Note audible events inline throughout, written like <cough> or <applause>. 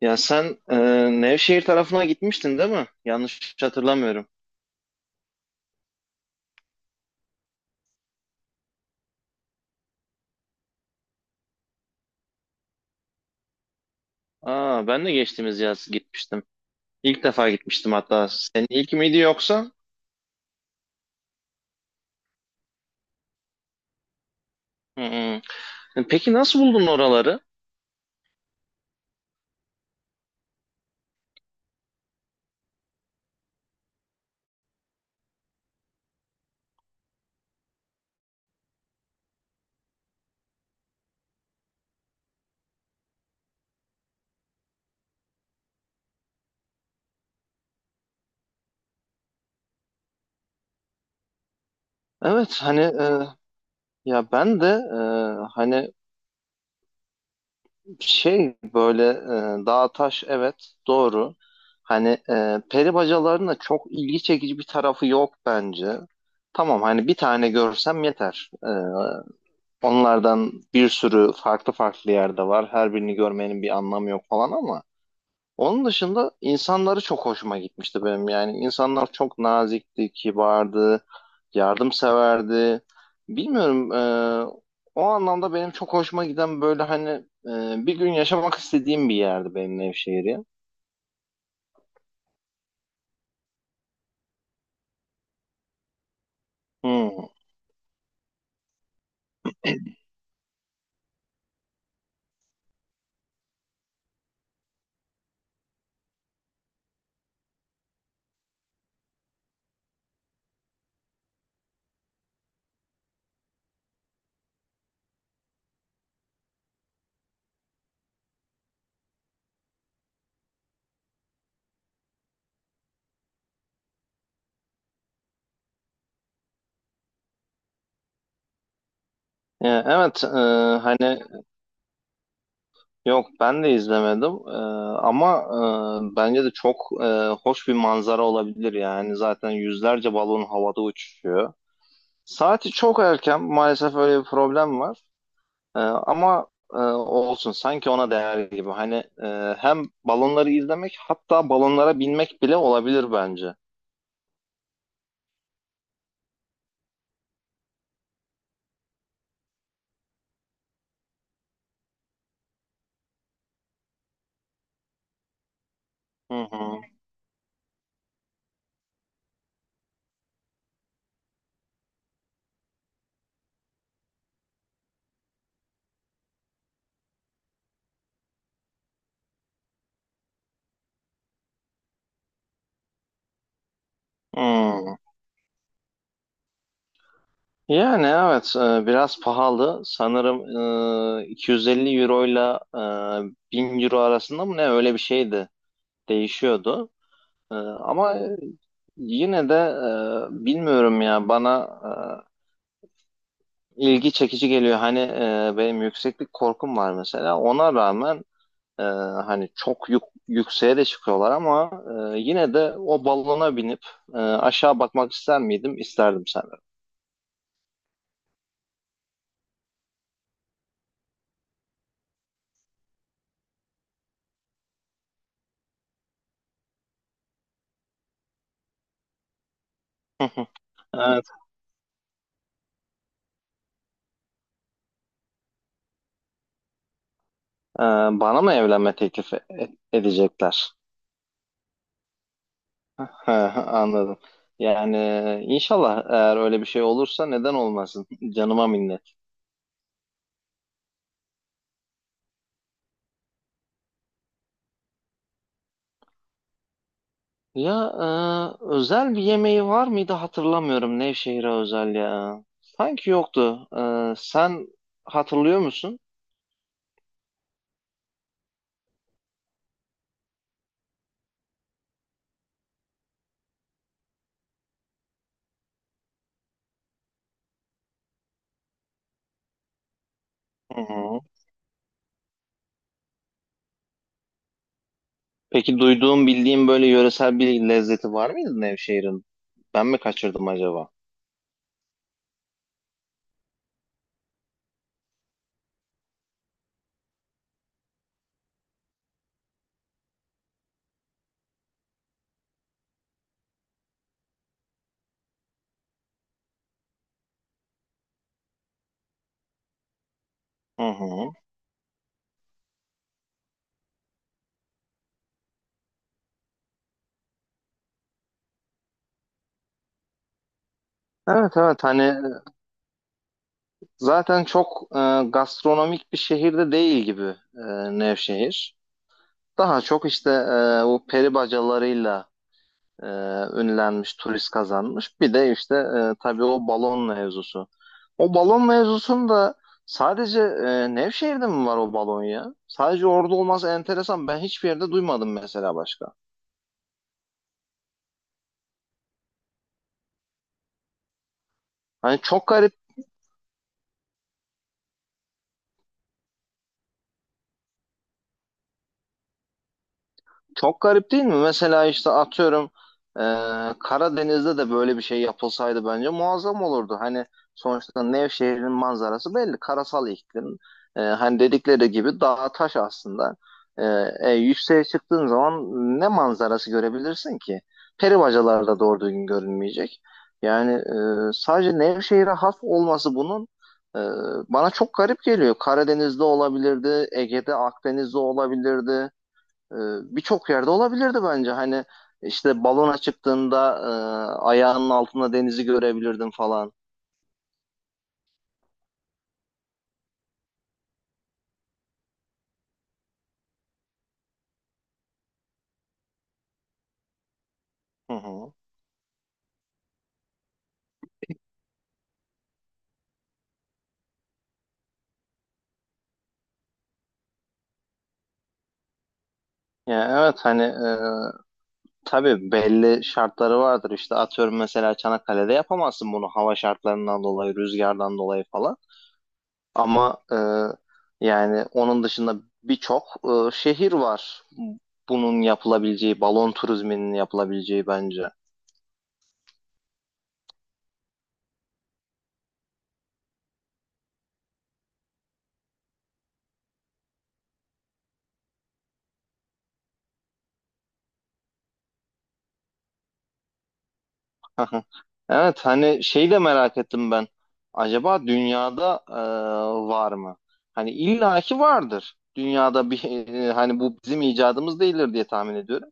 Ya sen e, Nevşehir tarafına gitmiştin değil mi? Yanlış hatırlamıyorum. Aa ben de geçtiğimiz yaz gitmiştim. İlk defa gitmiştim hatta. Senin ilk miydi yoksa? Hı hı. Peki nasıl buldun oraları? Evet, ya ben de hani şey böyle dağ taş, evet, doğru. Peri bacalarının da çok ilgi çekici bir tarafı yok bence. Tamam, hani bir tane görsem yeter. Onlardan bir sürü farklı farklı yerde var. Her birini görmenin bir anlamı yok falan ama onun dışında insanları çok hoşuma gitmişti benim. Yani insanlar çok nazikti, kibardı, yardımseverdi. Bilmiyorum, o anlamda benim çok hoşuma giden böyle, bir gün yaşamak istediğim bir yerdi benim Nevşehir ya. Hmm. Evet. Hani yok, ben de izlemedim. Ama bence de çok hoş bir manzara olabilir, yani zaten yüzlerce balon havada uçuşuyor. Saati çok erken maalesef, öyle bir problem var. Ama olsun, sanki ona değer gibi. Hem balonları izlemek, hatta balonlara binmek bile olabilir bence. Hı hı. Hmm. Yani evet, biraz pahalı sanırım, 250 euro ile 1000 euro arasında mı, ne öyle bir şeydi, değişiyordu. Ama yine de, bilmiyorum ya, bana ilgi çekici geliyor. Benim yükseklik korkum var mesela. Ona rağmen hani yükseğe de çıkıyorlar ama yine de o balona binip aşağı bakmak ister miydim? İsterdim sanırım. <laughs> Evet. Ee, Bana mı evlenme edecekler? <laughs> Anladım. Yani inşallah, eğer öyle bir şey olursa, neden olmasın? <laughs> Canıma minnet. Ya Özel bir yemeği var mıydı, hatırlamıyorum, Nevşehir'e özel ya. Sanki yoktu. Sen hatırlıyor musun? Hı hı. Peki duyduğum, bildiğim böyle yöresel bir lezzeti var mıydı Nevşehir'in? Ben mi kaçırdım acaba? Hı hı. Evet, evet, hani zaten çok gastronomik bir şehirde değil gibi e, Nevşehir. Daha çok işte o peri bacalarıyla e, ünlenmiş, turist kazanmış. Bir de işte tabii o balon mevzusu. O balon mevzusunda sadece Nevşehir'de mi var o balon ya? Sadece orada olması enteresan. Ben hiçbir yerde duymadım mesela başka. Hani çok garip. Çok garip değil mi? Mesela işte atıyorum, e, Karadeniz'de de böyle bir şey yapılsaydı bence muazzam olurdu. Hani sonuçta Nevşehir'in manzarası belli. Karasal iklim. Hani dedikleri gibi dağ taş aslında. E, Yükseğe çıktığın zaman ne manzarası görebilirsin ki? Peri bacalar da doğru düzgün görünmeyecek. Yani sadece Nevşehir'e has olması bunun e, bana çok garip geliyor. Karadeniz'de olabilirdi, Ege'de, Akdeniz'de olabilirdi. Ee, Birçok yerde olabilirdi bence. Hani işte balona çıktığında, ayağının altında denizi görebilirdin falan. Hı hı. Yani evet, hani tabii belli şartları vardır. İşte atıyorum, mesela Çanakkale'de yapamazsın bunu, hava şartlarından dolayı, rüzgardan dolayı falan. Ama yani onun dışında birçok şehir var. Bunun yapılabileceği, balon turizminin yapılabileceği, bence. Aha. Evet, hani şeyi de merak ettim ben. Acaba dünyada var mı? Hani illaki vardır. Dünyada bir <laughs> hani, bu bizim icadımız değildir diye tahmin ediyorum.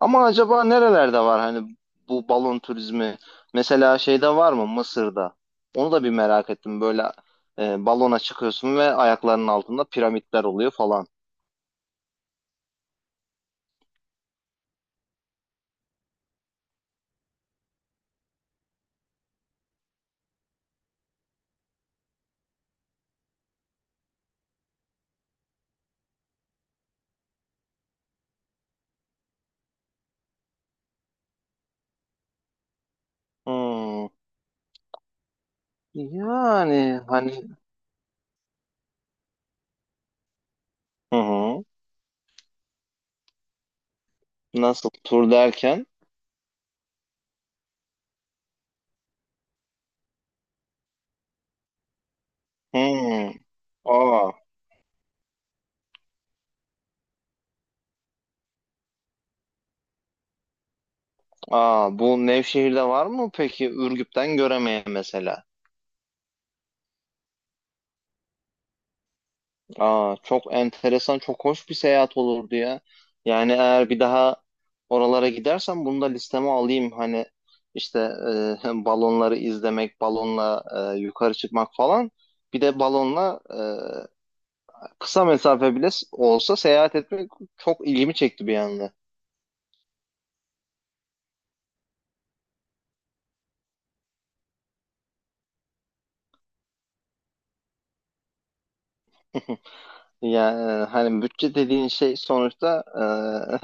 Ama acaba nerelerde var, hani bu balon turizmi? Mesela şeyde var mı, Mısır'da? Onu da bir merak ettim. Böyle balona çıkıyorsun ve ayaklarının altında piramitler oluyor falan. Hmm. Yani hani, hı hı. Nasıl tur derken? Hmm. Aa. Aa, bu Nevşehir'de var mı peki, Ürgüp'ten Göreme'ye mesela? Aa, çok enteresan, çok hoş bir seyahat olurdu ya. Yani eğer bir daha oralara gidersem, bunu da listeme alayım. Hani işte, <laughs> balonları izlemek, balonla yukarı çıkmak falan. Bir de balonla kısa mesafe bile olsa seyahat etmek çok ilgimi çekti bir anda. Yani hani bütçe dediğin şey sonuçta,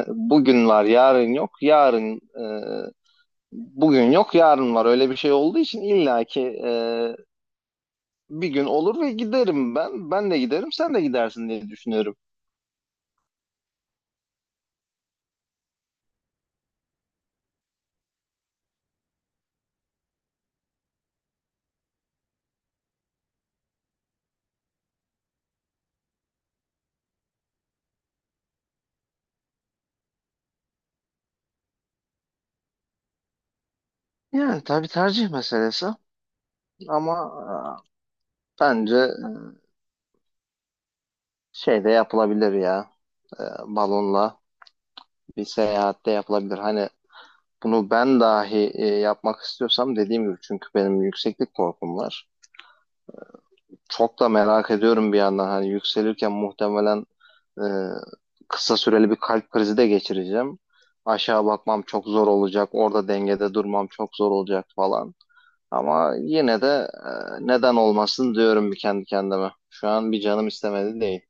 <laughs> bugün var, yarın yok. Bugün yok, yarın var, öyle bir şey olduğu için illaki bir gün olur ve giderim ben. Ben de giderim, sen de gidersin diye düşünüyorum. Yani tabii tercih meselesi, ama bence şey de yapılabilir ya e, balonla bir seyahat de yapılabilir. Hani bunu ben dahi yapmak istiyorsam, dediğim gibi, çünkü benim yükseklik korkum var. Çok da merak ediyorum bir yandan, hani yükselirken muhtemelen Ee, kısa süreli bir kalp krizi de geçireceğim. Aşağı bakmam çok zor olacak. Orada dengede durmam çok zor olacak falan. Ama yine de, neden olmasın diyorum bir kendi kendime. Şu an bir canım istemedi değil.